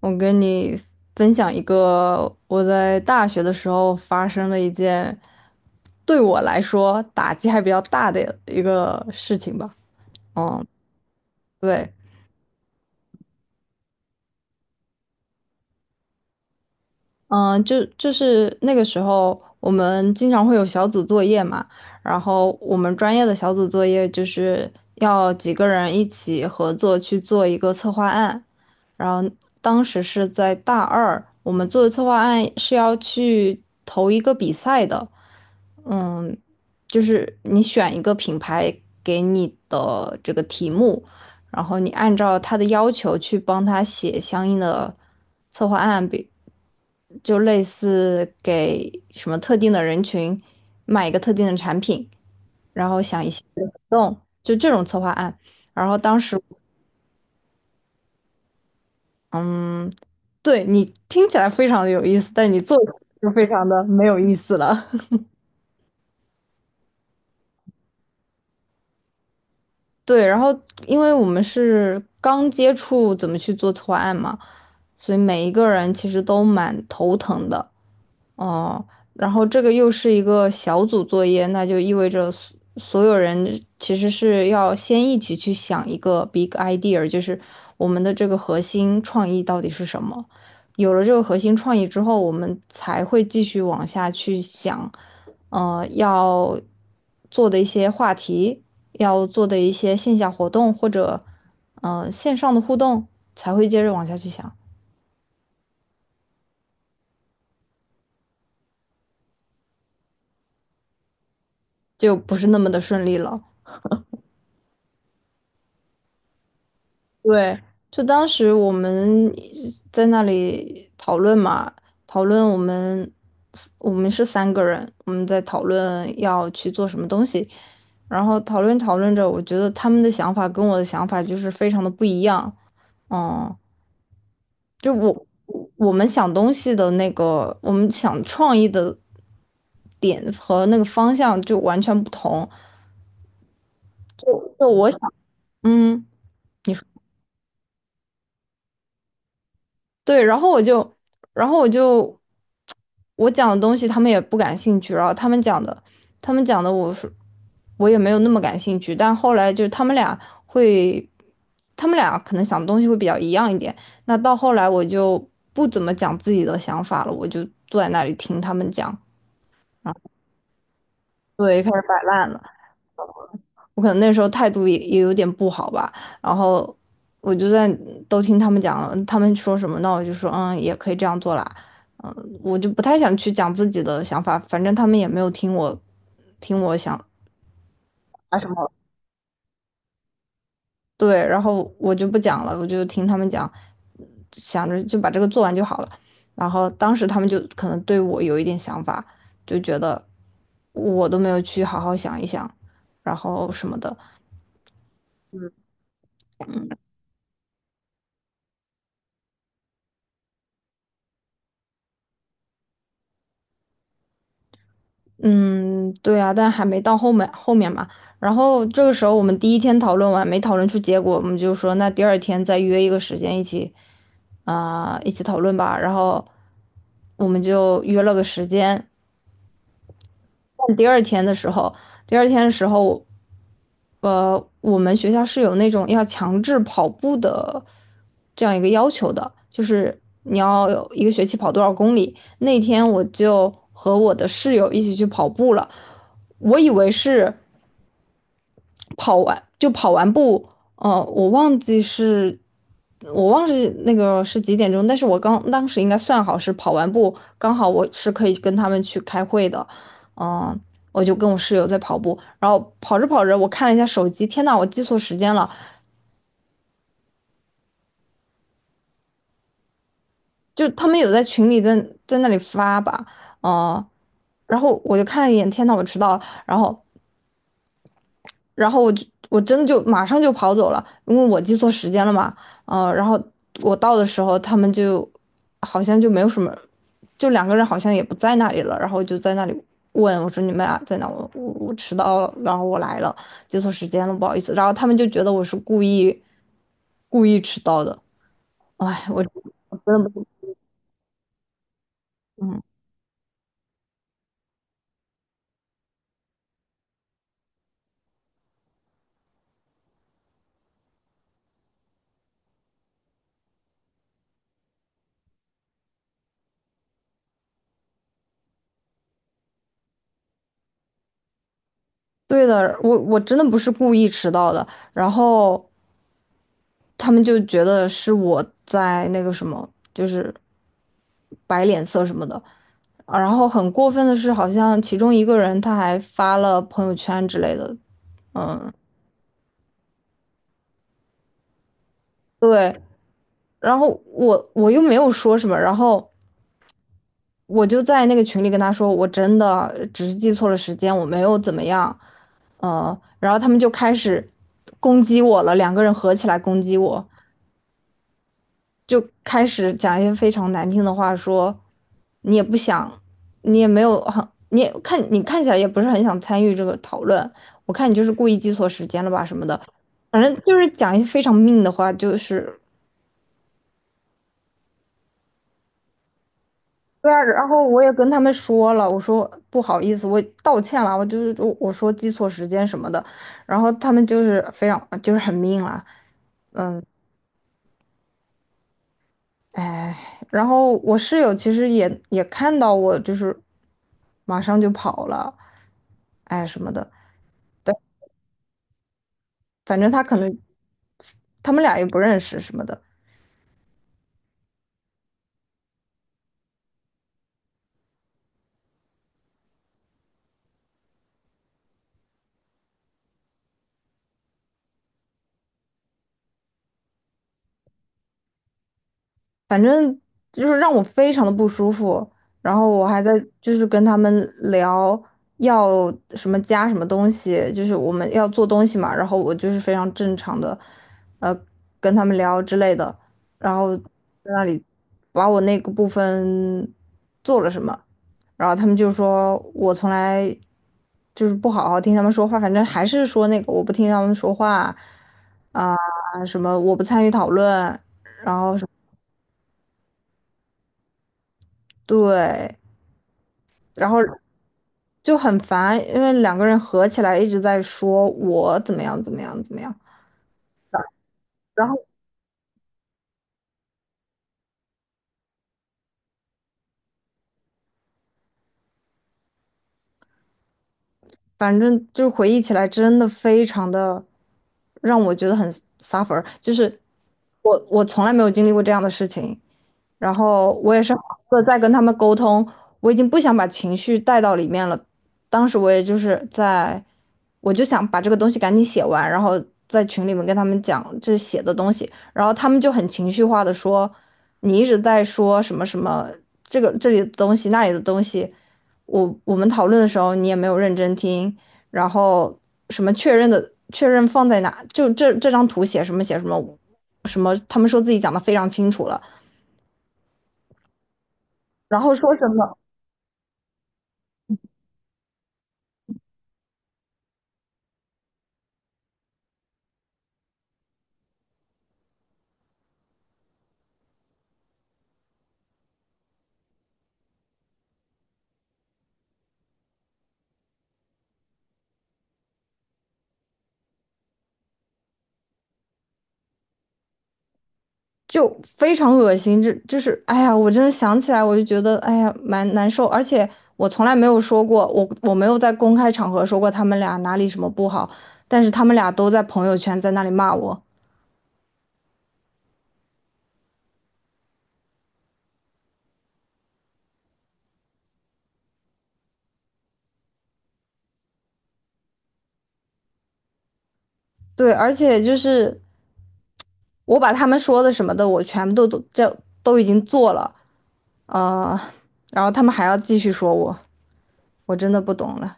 我跟你分享一个我在大学的时候发生的一件对我来说打击还比较大的一个事情吧。嗯，对，嗯，就是那个时候，我们经常会有小组作业嘛，然后我们专业的小组作业就是要几个人一起合作去做一个策划案，然后当时是在大二，我们做的策划案是要去投一个比赛的，嗯，就是你选一个品牌给你的这个题目，然后你按照他的要求去帮他写相应的策划案，就类似给什么特定的人群卖一个特定的产品，然后想一些活动，就这种策划案。然后当时，嗯，对你听起来非常的有意思，但你做出来就非常的没有意思了。对，然后因为我们是刚接触怎么去做策划案嘛，所以每一个人其实都蛮头疼的。哦，然后这个又是一个小组作业，那就意味着所有人其实是要先一起去想一个 big idea，就是我们的这个核心创意到底是什么。有了这个核心创意之后，我们才会继续往下去想，要做的一些话题，要做的一些线下活动或者线上的互动，才会接着往下去想，就不是那么的顺利了。对，就当时我们在那里讨论嘛，讨论我们是三个人，我们在讨论要去做什么东西，然后讨论讨论着，我觉得他们的想法跟我的想法就是非常的不一样，嗯，就我们想东西的那个，我们想创意的点和那个方向就完全不同，就我想，嗯。你说对，然后我就，然后我讲的东西他们也不感兴趣，然后他们讲的我也没有那么感兴趣，但后来就是会，他们俩可能想的东西会比较一样一点。那到后来我就不怎么讲自己的想法了，我就坐在那里听他们讲，对，开始摆烂了。我可能那时候态度也有点不好吧，然后我就在都听他们讲，他们说什么，那我就说嗯，也可以这样做啦，嗯，我就不太想去讲自己的想法，反正他们也没有听我想啊什么，对，然后我就不讲了，我就听他们讲，想着就把这个做完就好了，然后当时他们就可能对我有一点想法，就觉得我都没有去好好想一想，然后什么的。嗯，对啊，但还没到后面后面嘛。然后这个时候我们第一天讨论完，没讨论出结果，我们就说那第二天再约一个时间一起讨论吧。然后我们就约了个时间。但第二天的时候，我们学校是有那种要强制跑步的这样一个要求的，就是你要有一个学期跑多少公里。那天我就和我的室友一起去跑步了。我以为是跑完就跑完步，呃，我忘记是，我忘记那个是几点钟，但是我刚当时应该算好是跑完步，刚好我是可以跟他们去开会的，嗯、我就跟我室友在跑步，然后跑着跑着，我看了一下手机，天呐，我记错时间了，就他们有在群里在那里发吧，嗯、然后我就看了一眼，天呐，我迟到了，然后我真的就马上就跑走了，因为我记错时间了嘛，然后我到的时候，他们就好像就没有什么，就两个人好像也不在那里了，然后就在那里问我说你们俩在哪？我迟到了，然后我来了，记错时间了，不好意思。然后他们就觉得我是故意迟到的，哎，我真的不，嗯，对的，我真的不是故意迟到的，然后他们就觉得是我在那个什么，就是摆脸色什么的。啊然后很过分的是，好像其中一个人他还发了朋友圈之类的，对，然后我又没有说什么，然后我就在那个群里跟他说，我真的只是记错了时间，我没有怎么样，然后他们就开始攻击我了，两个人合起来攻击我，就开始讲一些非常难听的话说，你也不想，你也没有很，你也看你看起来也不是很想参与这个讨论，我看你就是故意记错时间了吧什么的，反正就是讲一些非常命的话，就是对啊，然后我也跟他们说了，我说不好意思，我道歉了，我就是我说记错时间什么的，然后他们就是非常就是很命了。哎，然后我室友其实也看到我，就是马上就跑了，哎什么的，反正他可能他们俩也不认识什么的。反正就是让我非常的不舒服。然后我还在就是跟他们聊要什么加什么东西，就是我们要做东西嘛。然后我就是非常正常的，呃，跟他们聊之类的。然后在那里把我那个部分做了什么，然后他们就说我从来就是不好好听他们说话，反正还是说那个我不听他们说话啊，什么我不参与讨论，然后什么对，然后就很烦，因为两个人合起来一直在说我怎么样怎么样怎么样，反正就是回忆起来真的非常的让我觉得很 suffer，就是我从来没有经历过这样的事情，然后我也是好好的在跟他们沟通，我已经不想把情绪带到里面了。当时我也就是在，我就想把这个东西赶紧写完，然后在群里面跟他们讲这写的东西，然后他们就很情绪化的说，你一直在说什么什么这个这里的东西那里的东西，我们讨论的时候你也没有认真听，然后什么确认的确认放在哪，就这张图写什么写什么。什么？他们说自己讲的非常清楚了，然后说什么就非常恶心，这就是哎呀，我真的想起来我就觉得哎呀蛮难受，而且我从来没有说过，我没有在公开场合说过他们俩哪里什么不好，但是他们俩都在朋友圈在那里骂我，对，而且就是我把他们说的什么的，我全部都已经做了，呃，然后他们还要继续说我，我真的不懂了。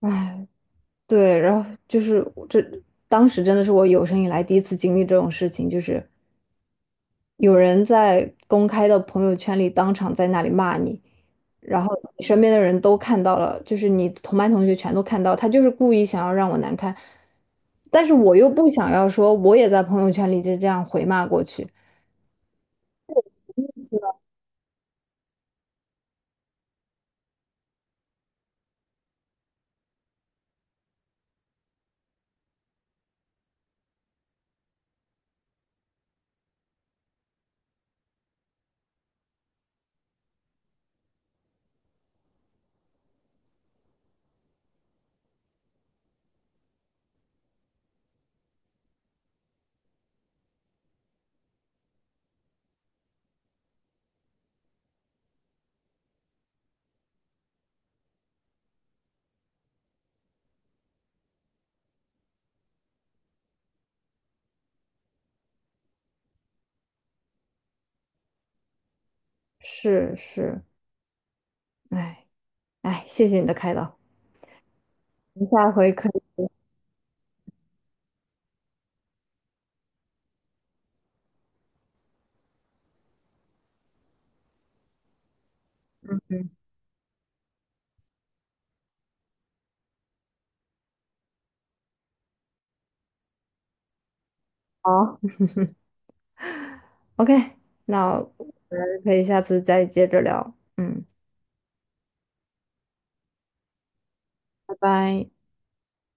哎，对，然后就是我这，当时真的是我有生以来第一次经历这种事情，就是有人在公开的朋友圈里当场在那里骂你，然后你身边的人都看到了，就是你同班同学全都看到，他就是故意想要让我难堪，但是我又不想要说我也在朋友圈里就这样回骂过去。是是，哎哎，谢谢你的开导，我们下回可以好，OK，那我们可以下次再接着聊，嗯，拜拜。